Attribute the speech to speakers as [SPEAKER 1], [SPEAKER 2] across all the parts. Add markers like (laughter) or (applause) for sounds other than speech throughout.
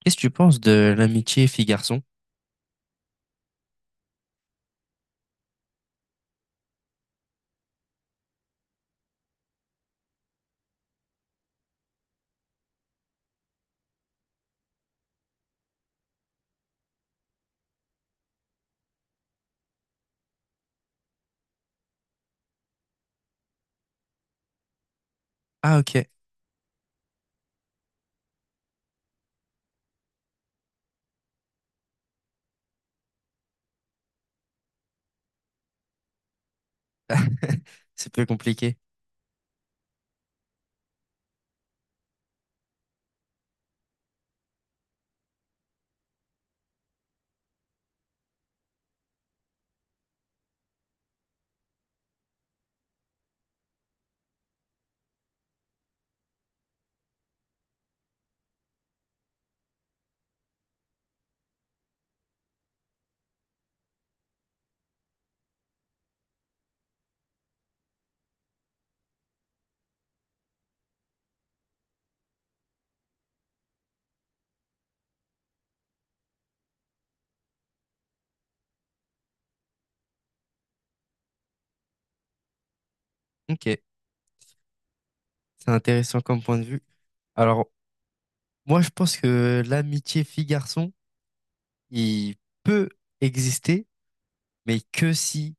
[SPEAKER 1] Qu'est-ce que tu penses de l'amitié fille-garçon? Ah, ok. (laughs) C'est peu compliqué. Ok. C'est intéressant comme point de vue. Alors, moi, je pense que l'amitié fille-garçon, il peut exister, mais que si,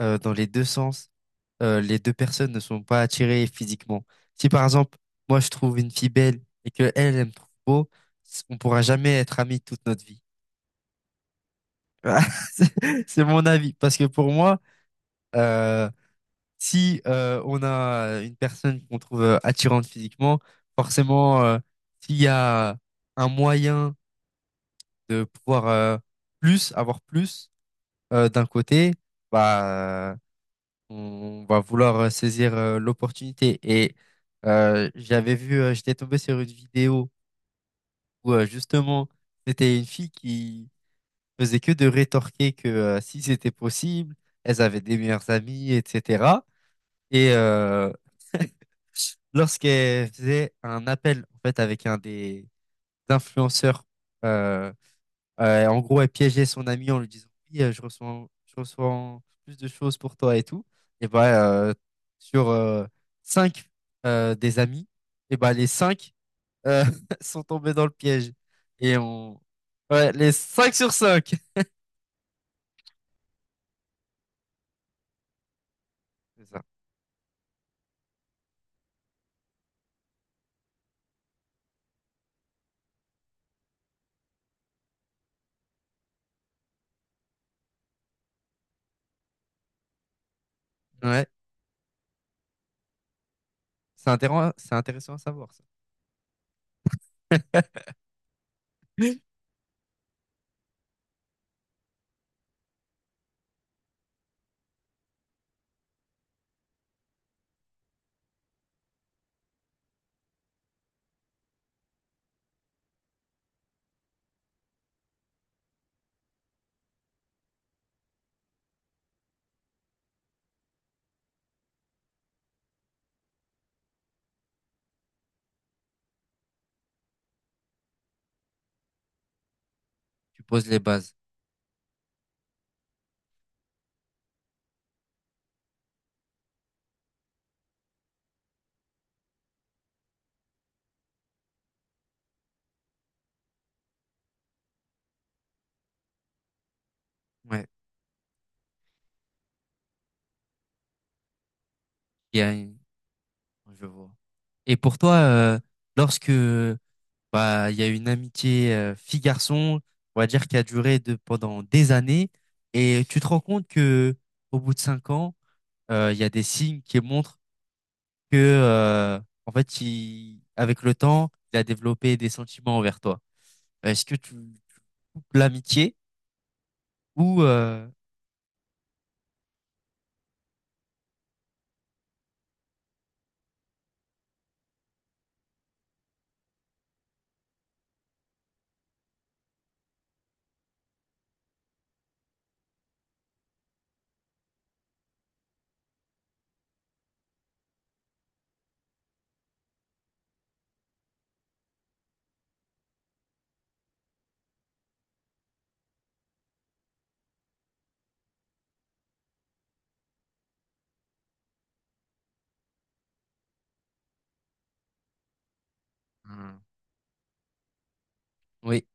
[SPEAKER 1] dans les deux sens, les deux personnes ne sont pas attirées physiquement. Si, par exemple, moi, je trouve une fille belle et que elle, elle me trouve beau, on pourra jamais être amis toute notre vie. (laughs) C'est mon avis. Parce que pour moi, euh, si on a une personne qu'on trouve attirante physiquement, forcément, s'il y a un moyen de pouvoir plus, avoir plus d'un côté, bah, on va vouloir saisir l'opportunité. Et j'étais tombé sur une vidéo où justement, c'était une fille qui faisait que de rétorquer que si c'était possible, elles avaient des meilleurs amis, etc. Et, lorsqu'elle faisait un appel en fait avec un des influenceurs, euh, en gros, elle piégeait son ami en lui disant oui, je reçois plus de choses pour toi et tout. Et sur cinq des amis, et bah les cinq euh, (laughs) sont tombés dans le piège et on ouais les cinq sur cinq. C'est ça. Ouais, c'est intéressant à savoir ça. (laughs) Tu poses les bases. Ouais, il y a une- Je vois. Et pour toi, lorsque bah il y a une amitié fille-garçon, on va dire qui a duré pendant des années, et tu te rends compte que au bout de cinq ans, il y a des signes qui montrent que en fait, il, avec le temps, il a développé des sentiments envers toi. Est-ce que tu coupes l'amitié ou Hmm. Oui,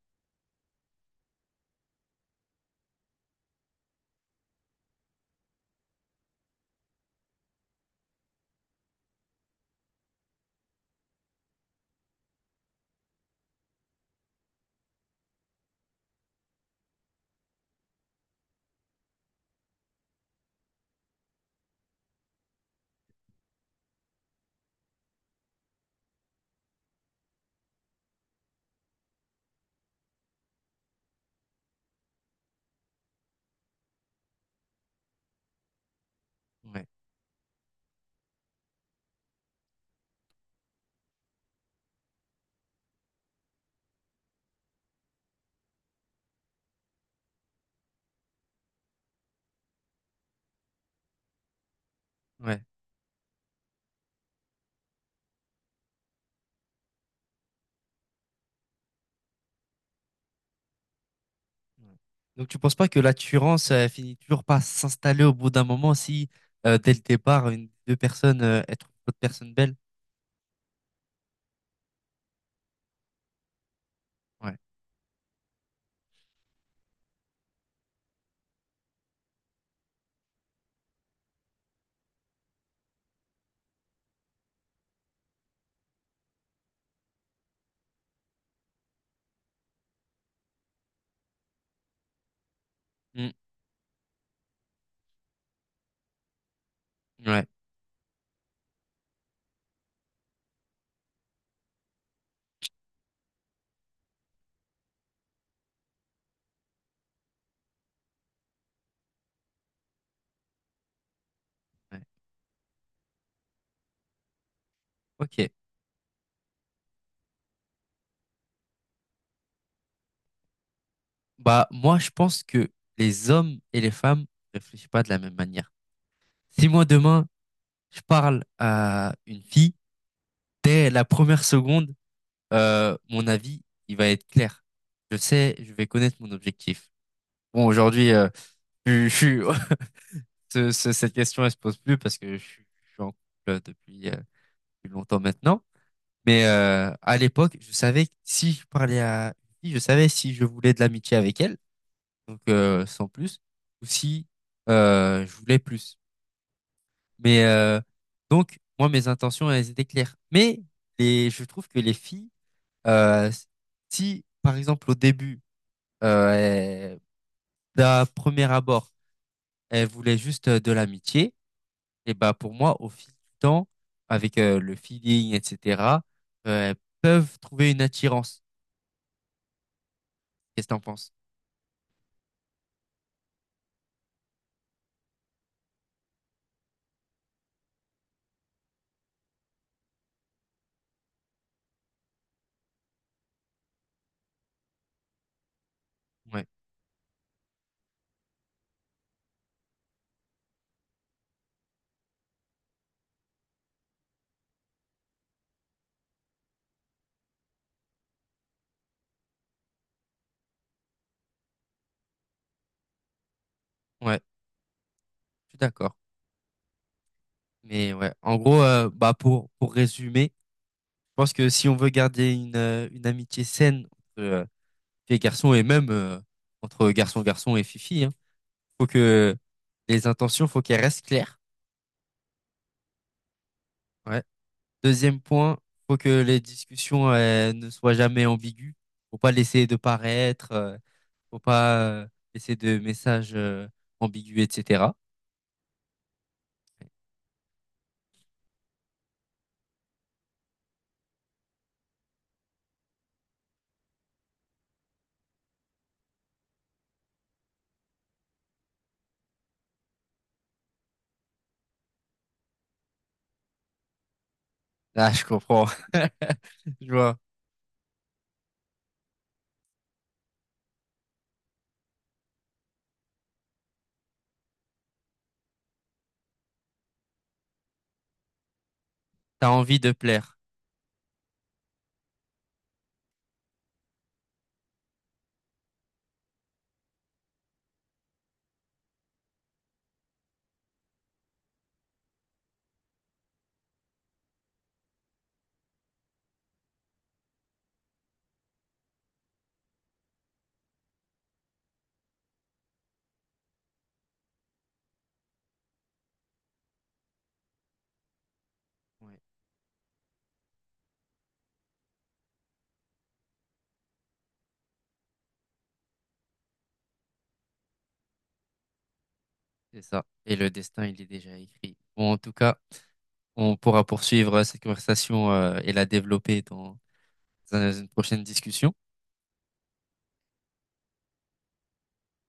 [SPEAKER 1] ouais, ouais. Ouais. Donc tu penses pas que la Turance finit toujours par s'installer au bout d'un moment si dès le départ une deux personnes elles trouvent d'autres personnes belles? Ouais. Mm. Ouais. Ouais. Ok. Bah moi je pense que les hommes et les femmes réfléchissent pas de la même manière. Si moi demain je parle à une fille dès la première seconde, mon avis il va être clair. Je sais, je vais connaître mon objectif. Bon aujourd'hui je suis (laughs) cette question, elle se pose plus parce que je suis en couple depuis longtemps maintenant. Mais à l'époque, je savais que si je parlais à une fille, je savais si je voulais de l'amitié avec elle, donc sans plus, ou si je voulais plus. Mais euh, donc, moi, mes intentions, elles étaient claires. Mais je trouve que les filles, euh, si, par exemple, au début, euh, elles- d'un premier abord, elles voulaient juste de l'amitié, et bah pour moi, au fil du temps, avec le feeling, etc., elles peuvent trouver une attirance. Qu'est-ce que t'en penses? Ouais, ouais, je suis d'accord. Mais ouais, en gros, pour résumer, je pense que si on veut garder une amitié saine entre filles et garçons et même entre garçon garçon et fifi, hein, faut que faut qu'elles restent claires. Ouais. Deuxième point, faut que les discussions ne soient jamais ambiguës. Faut pas laisser de paraître, faut pas laisser de messages ambigus, etc. Ah, je comprends. (laughs) Je vois. T'as envie de plaire. Ouais, c'est ça. Et le destin, il est déjà écrit. Bon, en tout cas, on pourra poursuivre cette conversation et la développer dans une prochaine discussion.